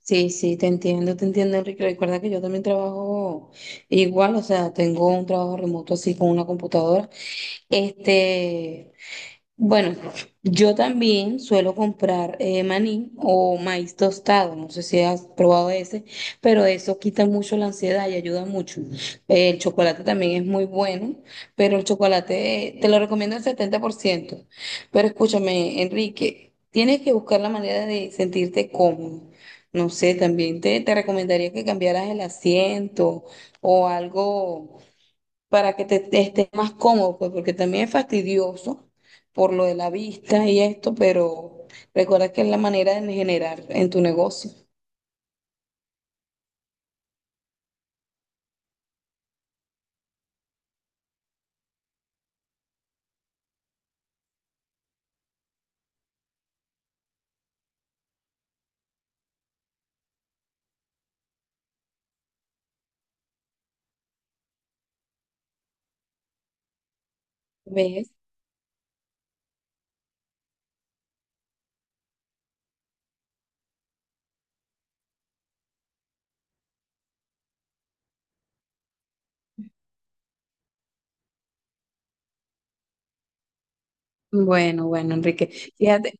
Sí, sí, te entiendo, Enrique. Recuerda que yo también trabajo igual, o sea, tengo un trabajo remoto así con una computadora. Este, bueno, yo también suelo comprar maní o maíz tostado, no sé si has probado ese, pero eso quita mucho la ansiedad y ayuda mucho. El chocolate también es muy bueno, pero el chocolate te lo recomiendo el 70%. Pero escúchame, Enrique, tienes que buscar la manera de sentirte cómodo. No sé, también te recomendaría que cambiaras el asiento o algo para que te estés más cómodo, pues porque también es fastidioso por lo de la vista y esto, pero recuerda que es la manera de generar en tu negocio. ¿Ves? Bueno, bueno, Enrique. Fíjate,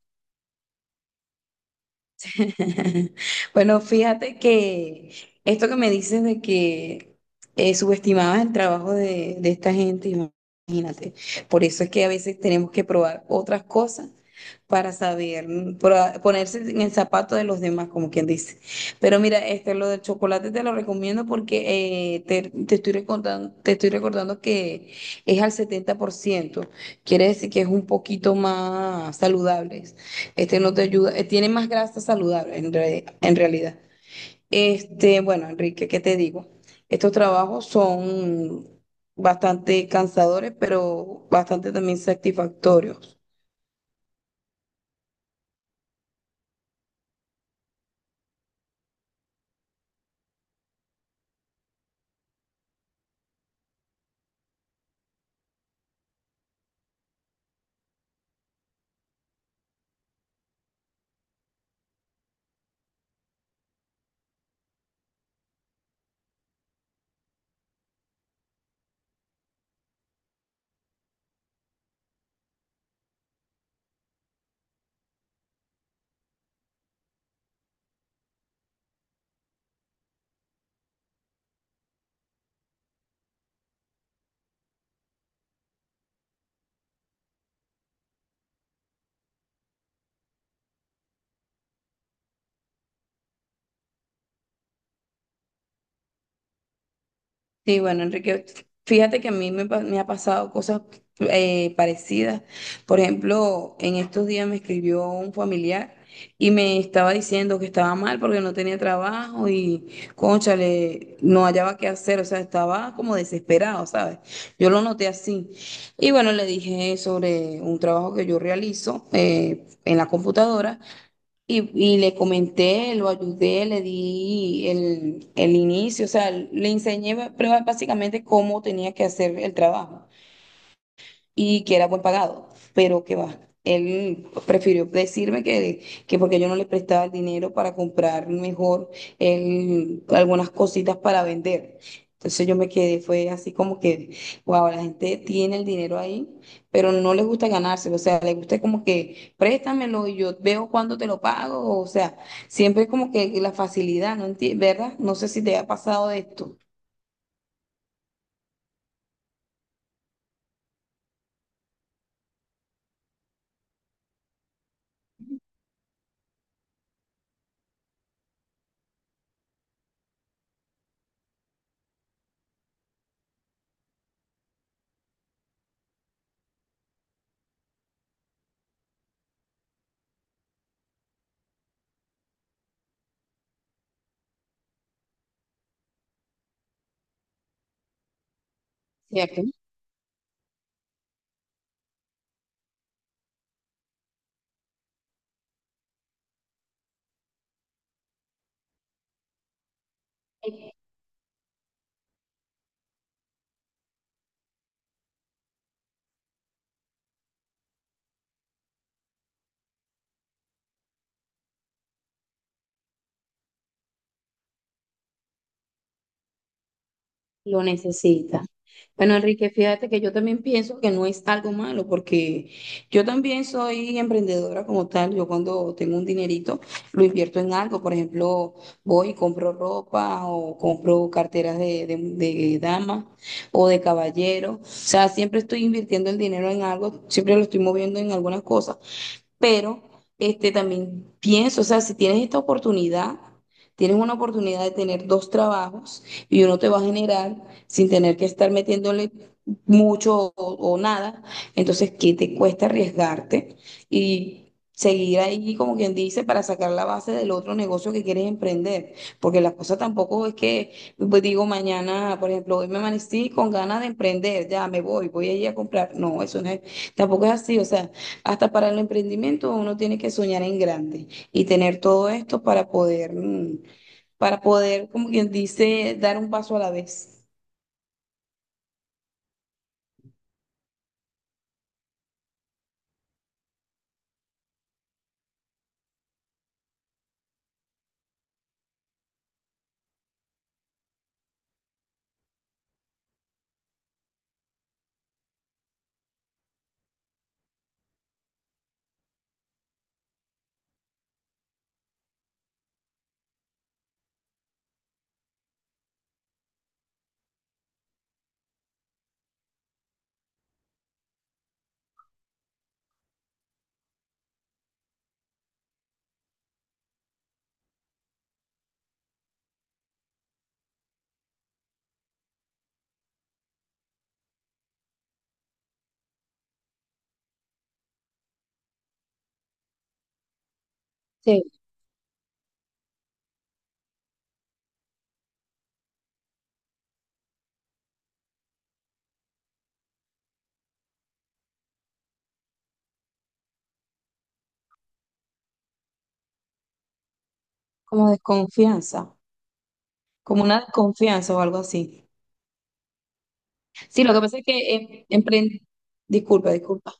bueno, fíjate que esto que me dices de que subestimabas el trabajo de esta gente, imagínate. Por eso es que a veces tenemos que probar otras cosas para saber, ponerse en el zapato de los demás, como quien dice. Pero mira, este, lo del chocolate te lo recomiendo porque te estoy recordando que es al 70%. Quiere decir que es un poquito más saludable. Este no te ayuda, tiene más grasa saludable en realidad. Este, bueno, Enrique, ¿qué te digo? Estos trabajos son bastante cansadores, pero bastante también satisfactorios. Sí, bueno, Enrique, fíjate que a me ha pasado cosas parecidas. Por ejemplo, en estos días me escribió un familiar y me estaba diciendo que estaba mal porque no tenía trabajo y, cónchale, no hallaba qué hacer, o sea, estaba como desesperado, ¿sabes? Yo lo noté así. Y bueno, le dije sobre un trabajo que yo realizo en la computadora y le comenté, lo ayudé, le di el inicio, o sea, le enseñé pero básicamente cómo tenía que hacer el trabajo y que era buen pagado, pero que va. Él prefirió decirme que porque yo no le prestaba el dinero para comprar mejor él, algunas cositas para vender. Entonces yo me quedé, fue así como que, wow, la gente tiene el dinero ahí, pero no le gusta ganárselo, o sea, le gusta como que préstamelo y yo veo cuándo te lo pago, o sea, siempre como que la facilidad, ¿Verdad? No sé si te ha pasado esto. Lo necesita. Bueno, Enrique, fíjate que yo también pienso que no es algo malo, porque yo también soy emprendedora como tal. Yo cuando tengo un dinerito lo invierto en algo. Por ejemplo, voy y compro ropa o compro carteras de dama o de caballero. O sea, siempre estoy invirtiendo el dinero en algo, siempre lo estoy moviendo en algunas cosas, pero este, también pienso, o sea, si tienes esta oportunidad, tienes una oportunidad de tener dos trabajos y uno te va a generar sin tener que estar metiéndole mucho o nada, entonces, ¿qué te cuesta arriesgarte y seguir ahí, como quien dice, para sacar la base del otro negocio que quieres emprender? Porque la cosa tampoco es que, pues, digo, mañana, por ejemplo, hoy me amanecí con ganas de emprender, ya me voy, voy a ir a comprar. No, eso no es, tampoco es así, o sea. Hasta para el emprendimiento uno tiene que soñar en grande y tener todo esto para poder, mm, para poder, como quien dice, dar un paso a la vez. Sí, como desconfianza, como una desconfianza o algo así. Sí, lo que pasa es que disculpa, disculpa.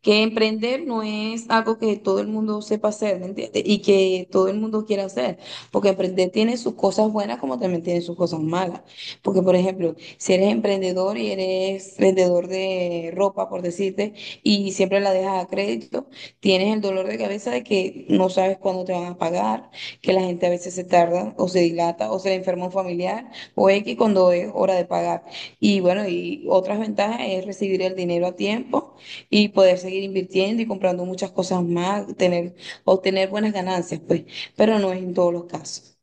Que emprender no es algo que todo el mundo sepa hacer, ¿me entiendes? Y que todo el mundo quiera hacer, porque emprender tiene sus cosas buenas como también tiene sus cosas malas. Porque, por ejemplo, si eres emprendedor y eres vendedor de ropa, por decirte, y siempre la dejas a crédito, tienes el dolor de cabeza de que no sabes cuándo te van a pagar, que la gente a veces se tarda o se dilata o se le enferma un familiar o X cuando es hora de pagar. Y bueno, y otras ventajas es recibir el dinero a tiempo y poder seguir invirtiendo y comprando muchas cosas más, tener, obtener buenas ganancias, pues, pero no es en todos los casos.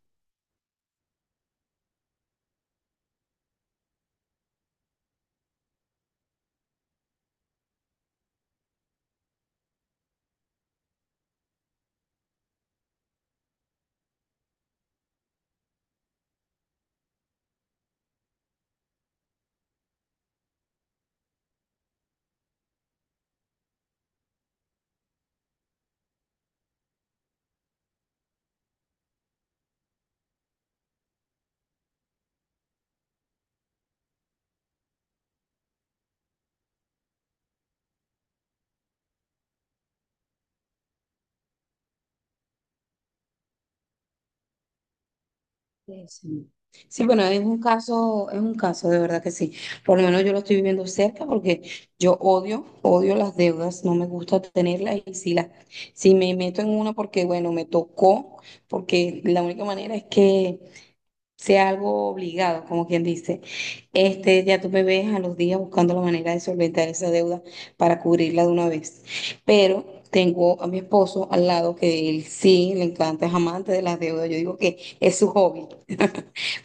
Sí, sí. Sí, bueno, es un caso, de verdad que sí. Por lo menos yo lo estoy viviendo cerca porque yo odio, odio las deudas, no me gusta tenerlas y si si me meto en una porque, bueno, me tocó, porque la única manera es que sea algo obligado, como quien dice. Este, ya tú me ves a los días buscando la manera de solventar esa deuda para cubrirla de una vez. Pero tengo a mi esposo al lado que él sí le encanta, es amante de las deudas. Yo digo que es su hobby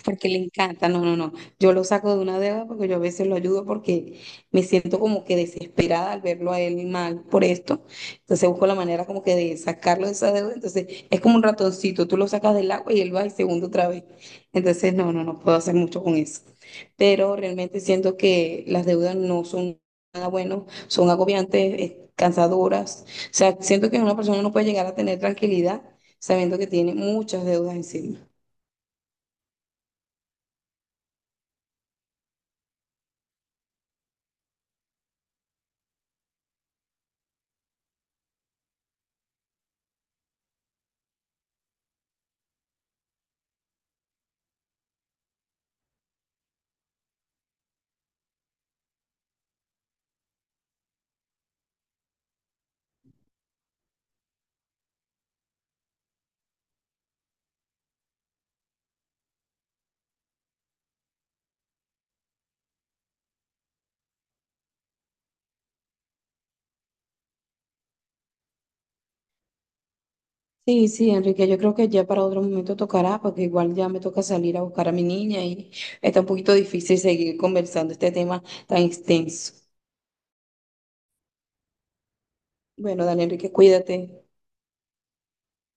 porque le encanta. No, no, no. Yo lo saco de una deuda porque yo a veces lo ayudo porque me siento como que desesperada al verlo a él mal por esto. Entonces busco la manera como que de sacarlo de esa deuda. Entonces es como un ratoncito, tú lo sacas del agua y él va y se hunde otra vez. Entonces, no, no, no puedo hacer mucho con eso. Pero realmente siento que las deudas no son nada bueno, son agobiantes, cansadoras. O sea, siento que una persona no puede llegar a tener tranquilidad sabiendo que tiene muchas deudas encima. Sí, sí, Enrique, yo creo que ya para otro momento tocará, porque igual ya me toca salir a buscar a mi niña y está un poquito difícil seguir conversando este tema tan extenso. Bueno, dale, Enrique, cuídate.